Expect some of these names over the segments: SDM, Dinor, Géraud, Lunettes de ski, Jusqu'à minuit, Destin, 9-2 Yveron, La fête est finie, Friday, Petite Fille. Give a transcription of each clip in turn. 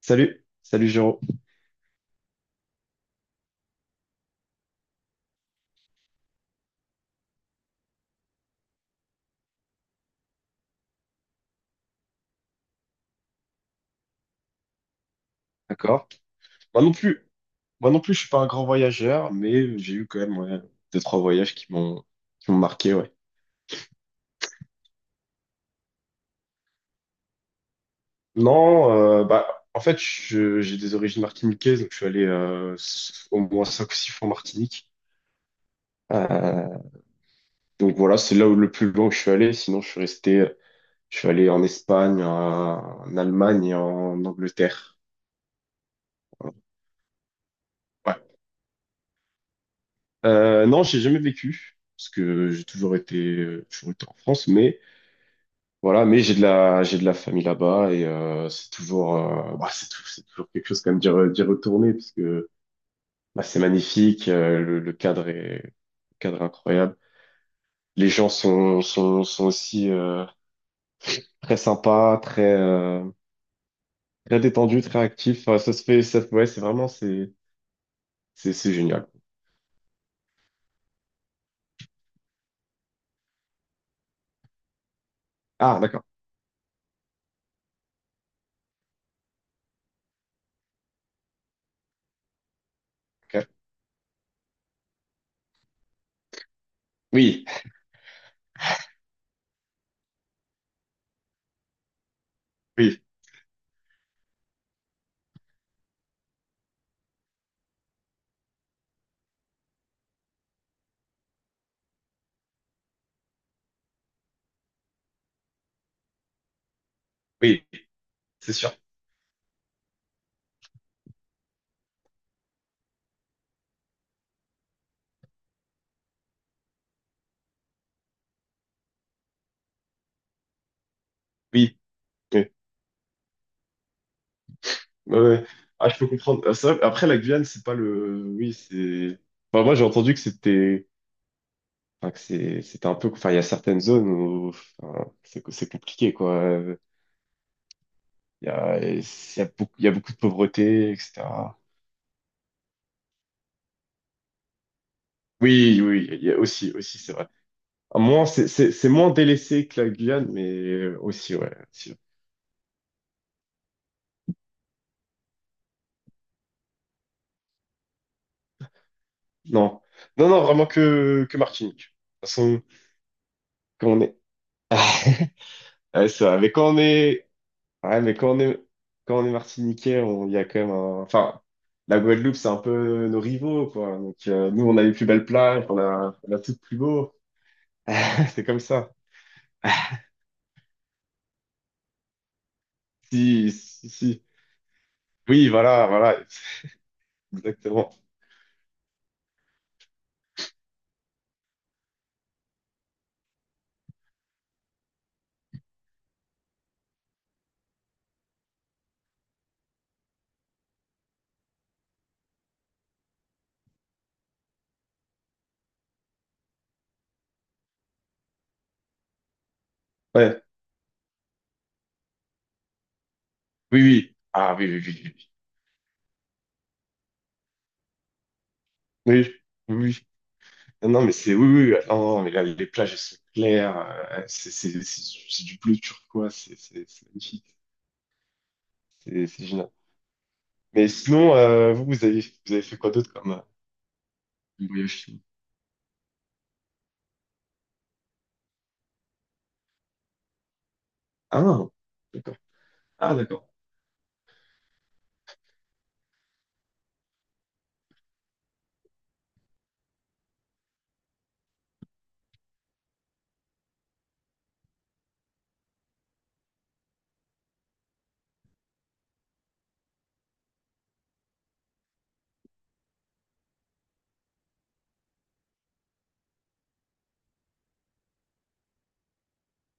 Salut, salut Géraud. D'accord. Moi non plus, moi non plus, je suis pas un grand voyageur, mais j'ai eu quand même, ouais, deux, trois voyages qui m'ont marqué, ouais. Non, bah en fait, j'ai des origines martiniquaises, donc je suis allé au moins cinq ou six fois en Martinique. Euh, donc voilà, c'est là où le plus loin que je suis allé. Sinon, je suis resté, je suis allé en Espagne, en Allemagne et en Angleterre. Voilà. Ouais. Non, j'ai jamais vécu parce que j'ai toujours été en France, mais voilà, mais j'ai de la famille là-bas et c'est toujours, bah, c'est toujours quelque chose quand même d'y retourner parce que bah, c'est magnifique, le cadre est incroyable. Les gens sont aussi très sympas, très, très détendus, très actifs. Enfin, ça se fait, ça, ouais, c'est vraiment, c'est génial. Ah, d'accord. Ok. Oui, oui, oui, c'est sûr. Oui, oui, ouais, ouais. Ah, je peux comprendre. Ah, ça, après, la Guyane, c'est pas le, oui, c'est. Enfin, moi, j'ai entendu que c'était, enfin, que c'est, c'était un peu, enfin, il y a certaines zones où, enfin, c'est compliqué, quoi. Il y a, il il y a beaucoup de pauvreté, etc. Oui, oui, il y a aussi, aussi, c'est vrai. À moins, c'est moins délaissé que la Guyane, mais aussi, ouais, aussi. Non, non, non, vraiment que Martinique. De toute façon, quand on est, ouais, c'est vrai, mais quand on est, ouais, mais quand on est martiniquais, on, il y a quand même un... Enfin, la Guadeloupe, c'est un peu nos rivaux, quoi. Donc, nous, on a les plus belles plages, on a tout de plus beau. C'est comme ça. Si, si, si. Oui, voilà, voilà. Exactement. Ouais. Oui, oui. Ah, oui, oui, oui, oui. Oui, oui, oui. Non, non, mais c'est... Oui, oui. Non, non, mais là, les plages, elles sont claires. C'est du bleu turquoise. C'est magnifique. C'est génial. Mais sinon, vous avez fait quoi d'autre comme voyage? Ah, d'accord. Ah, d'accord.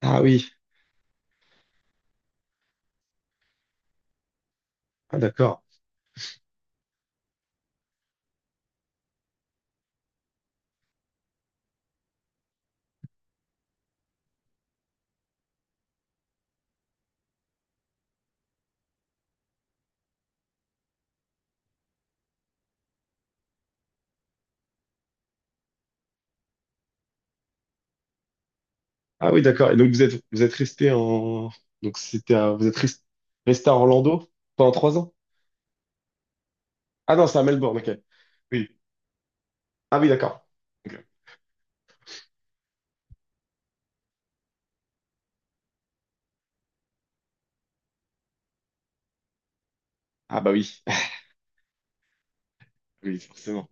Ah oui. Ah, d'accord. Ah oui, d'accord. Et donc, vous êtes resté en. Donc, c'était à... resté à Orlando pendant trois ans? Ah non, c'est à Melbourne, ok. Oui. Ah oui, d'accord. Ok. Ah bah oui. Oui, forcément.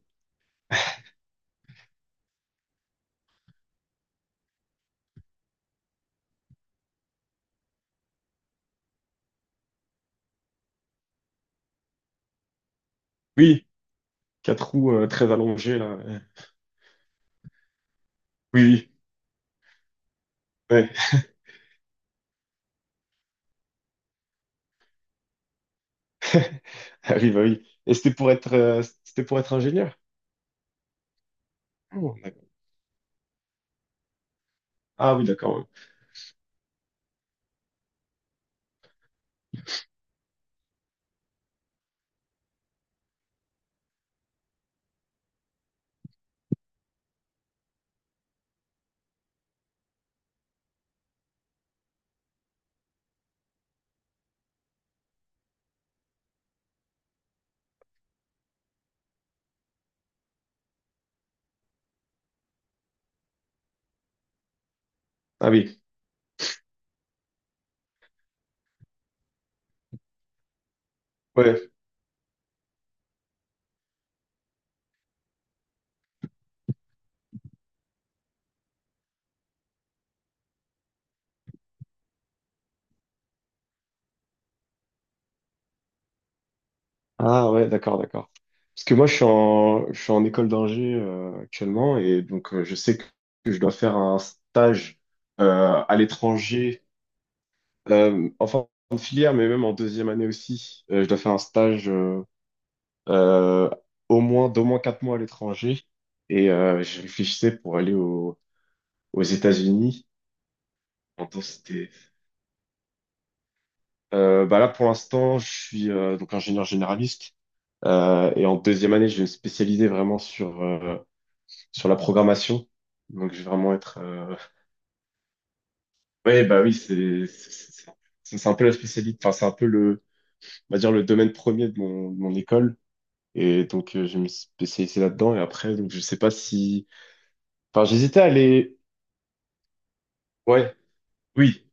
Oui, quatre roues très allongées, là. Ouais. Oui, oui. Ouais. Ah oui, bah oui. Et c'était pour être ingénieur? Oh, d'accord. Ah oui, d'accord, ouais. Ah oui. Ouais. Ah ouais, d'accord, d'accord. Parce que moi, je suis en école d'ingé actuellement et donc je sais que je dois faire un stage à l'étranger, en fin de filière, mais même en deuxième année aussi. Je dois faire un stage euh, au moins d'au moins quatre mois à l'étranger et je réfléchissais pour aux États-Unis. En densité. Bah là, pour l'instant, je suis donc ingénieur généraliste et en deuxième année, je vais me spécialiser vraiment sur sur la programmation. Donc, je vais vraiment être. Ouais, bah oui, c'est un peu la spécialité. Enfin, c'est un peu le, on va dire le domaine premier de de mon école. Et donc, je me suis spécialisé là-dedans. Et après, donc, je sais pas si. Enfin, j'hésitais à aller. Ouais, oui,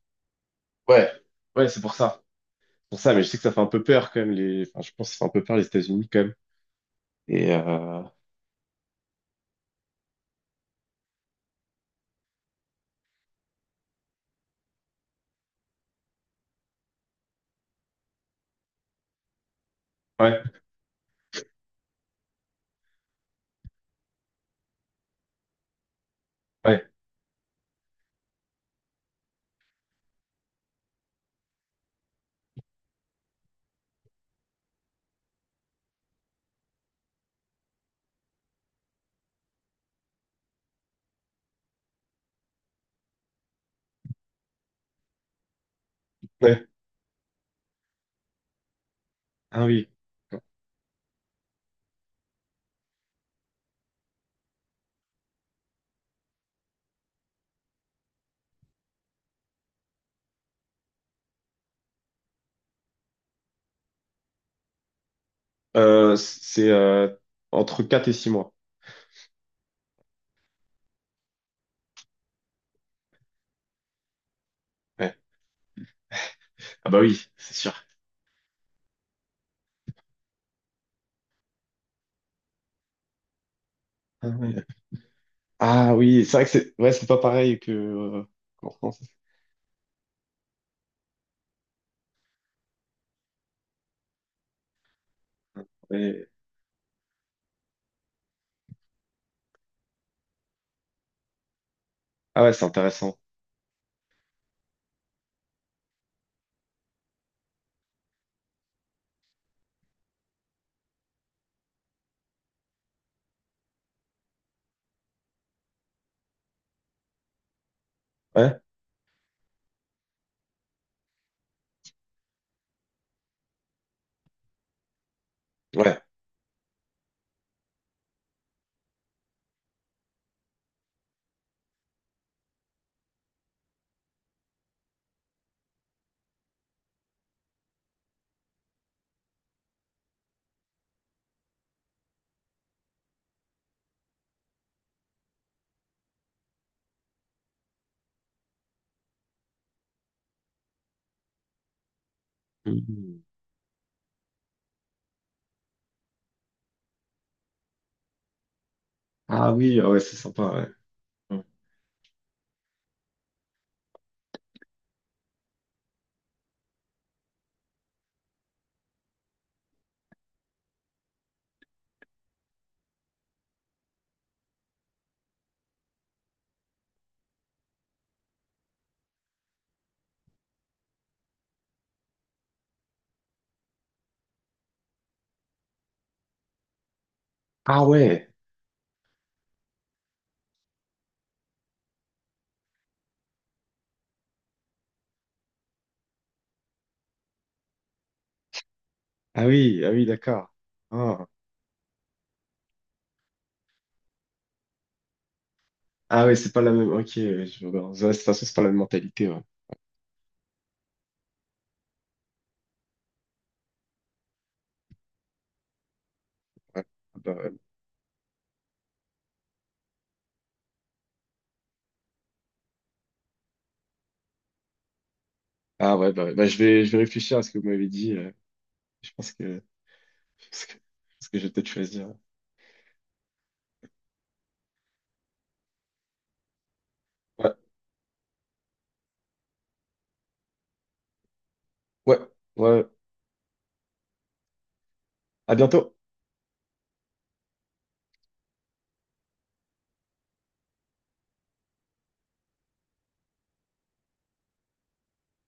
ouais, ouais, c'est pour ça. C'est pour ça, mais je sais que ça fait un peu peur quand même. Les... Enfin, je pense que ça fait un peu peur les États-Unis quand même. Et ouais, ouais, ouais. Ah oui. C'est entre 4 et 6 mois. Ouais. Ah bah oui, c'est sûr. Ah ouais. Ah oui, c'est vrai que c'est, ouais, c'est pas pareil que qu'en France. Mais- ah ouais, c'est intéressant. Ouais, ouais. Mhm. Ah oui, ah ouais, c'est sympa, ouais. Ouais. Ah ouais, ah oui, ah oui, d'accord. Ah, ah ouais, c'est pas la même. Ok, ouais, je... vois. Ouais, de toute façon, c'est pas la même mentalité. Ouais. Ouais. Ah bah, ouais, ah ouais. Bah, je vais réfléchir à ce que vous m'avez dit. Je pense que, je pense que je vais peut-être choisir. Ouais, ouais, ouais. À bientôt.